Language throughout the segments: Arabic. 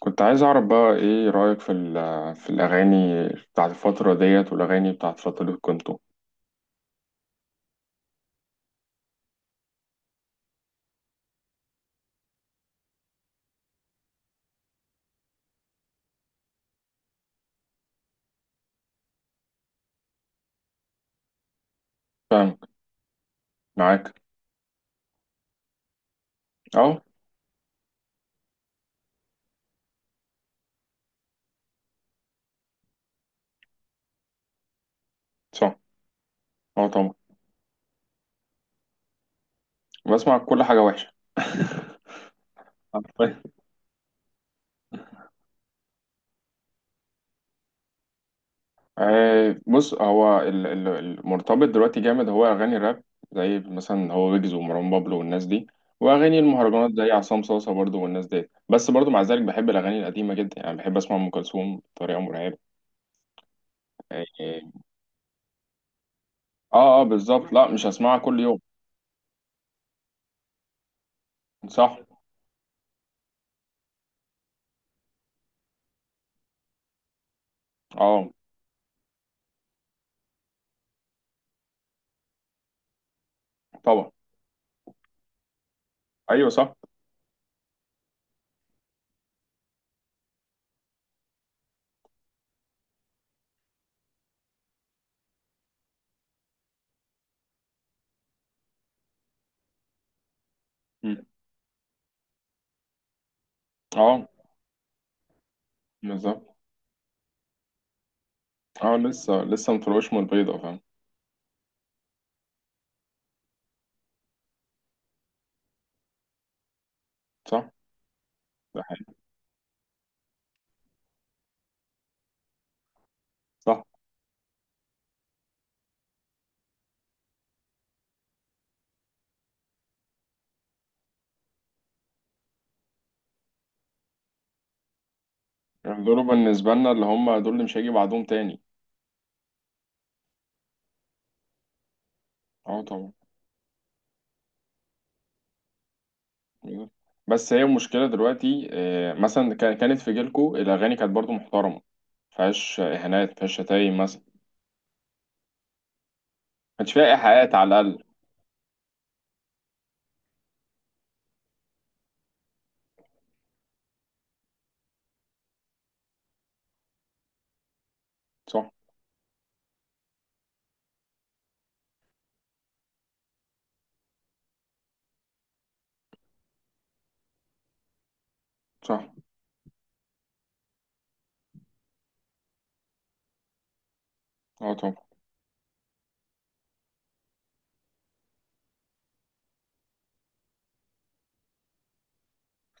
كنت عايز أعرف بقى إيه رأيك في الأغاني بتاعت الفترة ديت والأغاني بتاعت فترة كنتو. فاهم. معاك. أه. صح. أه طبعا. بسمع كل حاجة وحشة. حرفياً. آه بص هو المرتبط دلوقتي جامد هو أغاني الراب، زي مثلا هو ويجز ومروان بابلو والناس دي، وأغاني المهرجانات زي عصام صاصة برضو والناس دي، بس برضو مع ذلك بحب الأغاني القديمة جدا، يعني بحب أسمع أم كلثوم بطريقة مرعبة. آه آه آه، بالظبط، لا مش هسمعها كل يوم. صح. اه طبعا. ايوه صح. مم. اه بالظبط. اه لسه لسه مفروش من البيضه، فاهم. صح. ده حقيقي. صح. دول بالنسبه لنا اللي هم دول اللي مش هيجي بعدهم تاني. اه طبعا. بالظبط. بس هي المشكله دلوقتي آه، مثلا كانت في جيلكو الاغاني كانت برضو محترمه، مفيهاش اهانات مفيهاش شتايم مثلا، ما كانش فيها ايحاءات على الاقل. صح. صح. اه طبعا.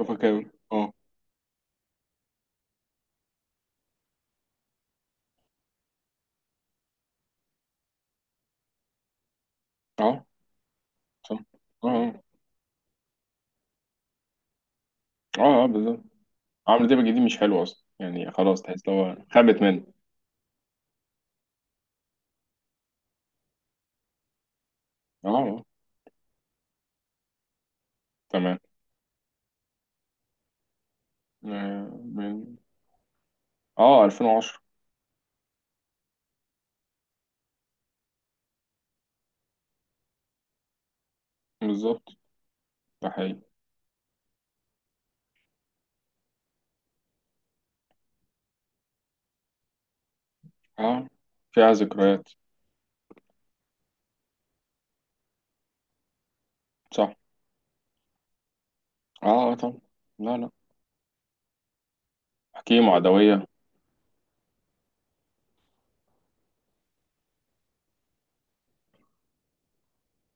اتفق أوي. اه. اه صح. اه اه اه آه، بالظبط. عمرو دياب الجديد مش حلو اصلا يعني، خلاص تحس إن هو خابت منه. اه آه، تمام. آه، من. اه 2010. بالظبط. ده حقيقي. اه فيها ذكريات. صح. اه اه طبعا. لا لا. حكيمة عدوية.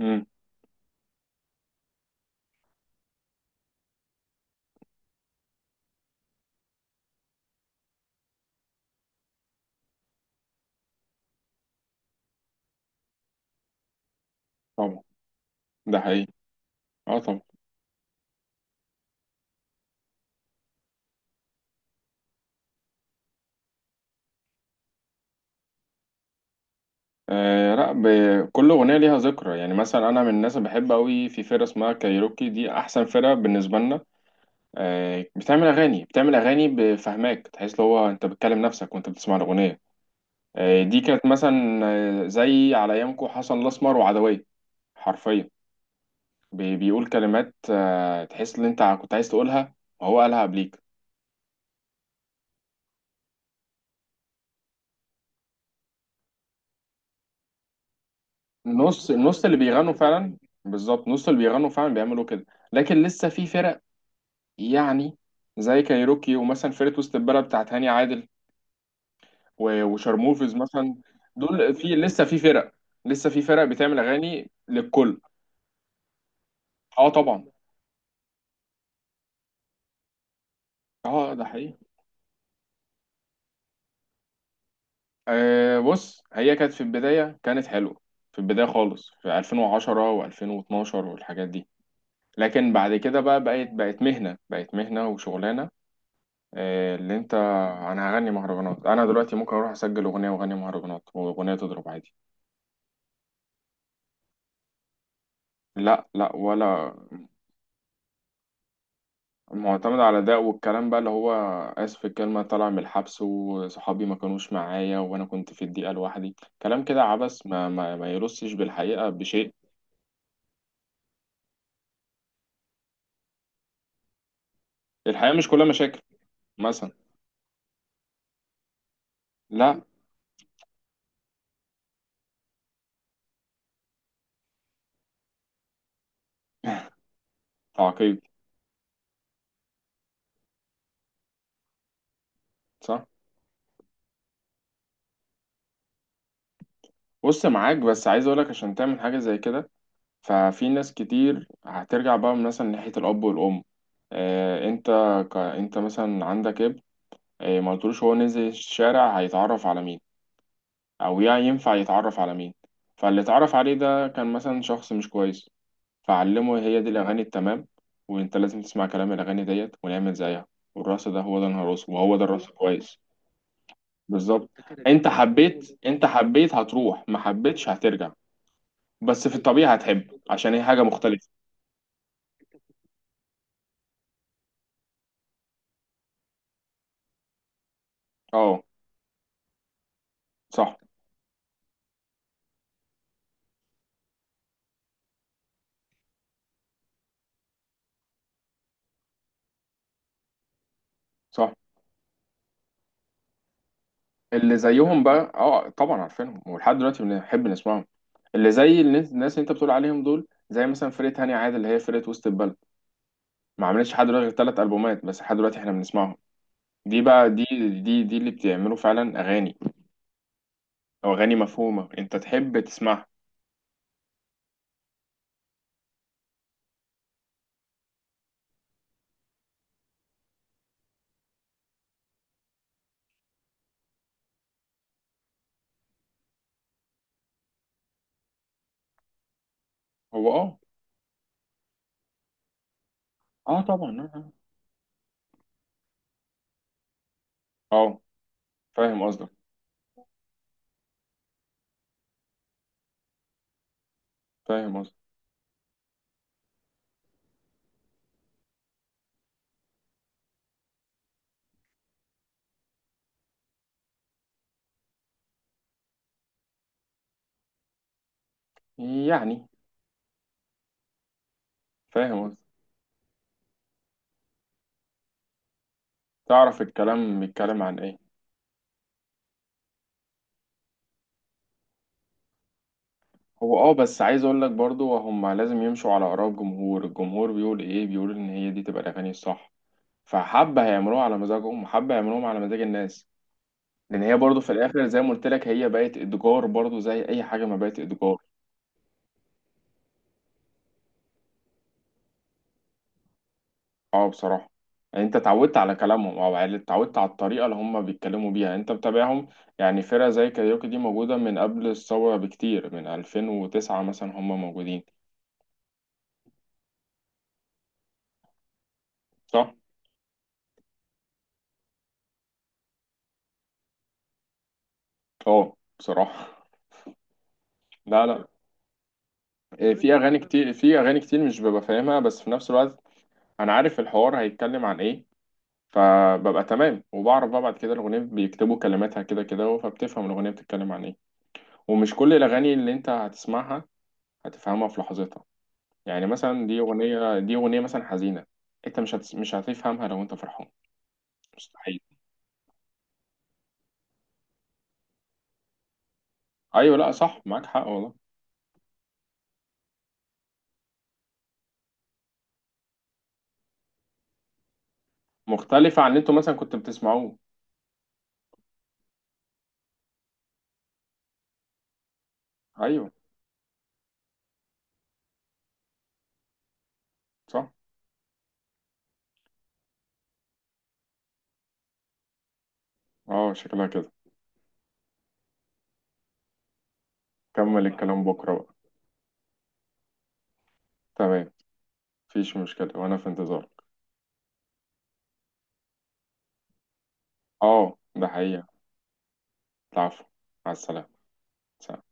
امم. طبعا. ده حقيقي. اه طبعا. آه لا كل اغنيه ليها ذكرى، يعني مثلا انا من الناس اللي بحب قوي في فرقه اسمها كايروكي، دي احسن فرقه بالنسبه لنا. آه بتعمل اغاني بفهماك تحس اللي هو انت بتكلم نفسك وانت بتسمع الاغنيه. آه دي كانت مثلا آه، زي على ايامكم حسن الاسمر وعدويه. حرفيا. بيقول كلمات آه، تحس ان انت كنت عايز تقولها وهو قالها قبليك. نص النص اللي بيغنوا فعلا. بالظبط نص اللي بيغنوا فعلا بيعملوا كده. لكن لسه في فرق، يعني زي كايروكي ومثلا فرقة وسط البلد بتاعت هاني عادل وشارموفيز مثلا. دول في لسه في فرق، لسه في فرق بتعمل اغاني للكل. اه طبعا. اه ده حقيقي. آه بص هي كانت في البداية كانت حلوة، في البداية خالص في 2010 و2012 والحاجات دي. لكن بعد كده بقى بقت مهنة، بقت مهنة وشغلانة. آه، اللي انت. انا هغني مهرجانات، انا دلوقتي ممكن اروح اسجل اغنية واغني مهرجانات واغنية تضرب عادي. لا لا ولا. معتمد على ده والكلام بقى اللي هو اسف في الكلمة، طالع من الحبس وصحابي ما كانوش معايا وانا كنت في الضيقة لوحدي، كلام كده عبث ما يرصش بالحقيقة بشيء. الحياة مش كلها مشاكل مثلا. لا. تعقيد. صح. بص معاك بس عايز اقولك عشان تعمل حاجة زي كده، ففي ناس كتير هترجع بقى مثلا ناحية الأب والأم. آه، أنت أنت مثلا عندك ابن آه، ما قلتلوش هو نزل الشارع هيتعرف على مين أو يعني ينفع يتعرف على مين. فاللي اتعرف عليه ده كان مثلا شخص مش كويس، فعلمه هي دي الأغاني التمام، وأنت لازم تسمع كلام الأغاني ديت ونعمل زيها، والرقص ده هو ده الرقص وهو ده الرقص كويس. بالظبط. أنت حبيت، أنت حبيت هتروح، ما حبيتش هترجع. بس في الطبيعة هتحب عشان هي حاجة مختلفة. اه صح. صح. اللي زيهم بقى اه طبعا عارفينهم، ولحد دلوقتي بنحب نسمعهم، اللي زي الناس الناس اللي انت بتقول عليهم دول، زي مثلا فرقة هاني عادل اللي هي فرقة وسط البلد، ما عملتش لحد دلوقتي غير ثلاث ألبومات بس، لحد دلوقتي احنا بنسمعهم. دي بقى دي اللي بتعملوا فعلا أغاني، أو أغاني مفهومة انت تحب تسمعها. هو اه. اه طبعا. اه اه آه، فاهم قصدك. فاهم قصدك. يعني فاهم قصدك. تعرف الكلام بيتكلم عن ايه. هو اه بس عايز اقول لك برضو، هم لازم يمشوا على اراء الجمهور، الجمهور بيقول ايه؟ بيقول ان هي دي تبقى الاغاني الصح، فحبة هيعملوها على مزاجهم وحبة هيعملوهم على مزاج الناس، لان هي برضو في الاخر زي ما قلت لك، هي بقت اتجار برضو زي اي حاجة ما بقت اتجار. اه بصراحة. يعني انت اتعودت على كلامهم، اتعودت على الطريقة اللي هم بيتكلموا بيها، انت متابعهم. يعني فرقة زي كاريوكي دي موجودة من قبل الثورة بكتير، من 2009 مثلا هم موجودين. صح. اه بصراحة. لا لا. إيه، في اغاني كتير، في اغاني كتير مش ببقى فاهمها، بس في نفس الوقت انا عارف الحوار هيتكلم عن ايه، فببقى تمام وبعرف بقى بعد كده الاغنيه بيكتبوا كلماتها كده كده فبتفهم الاغنيه بتتكلم عن ايه. ومش كل الاغاني اللي انت هتسمعها هتفهمها في لحظتها، يعني مثلا دي اغنيه مثلا حزينه، انت مش هتفهمها لو انت فرحان. مستحيل. ايوه لا صح معاك حق والله. مختلفه عن اللي انتوا مثلا كنتوا بتسمعوه. ايوه صح. اه شكلها كده. كمل الكلام بكره بقى. تمام. مفيش مشكله وانا في انتظار. اه ده حقيقة. العفو. مع السلامة. سلام.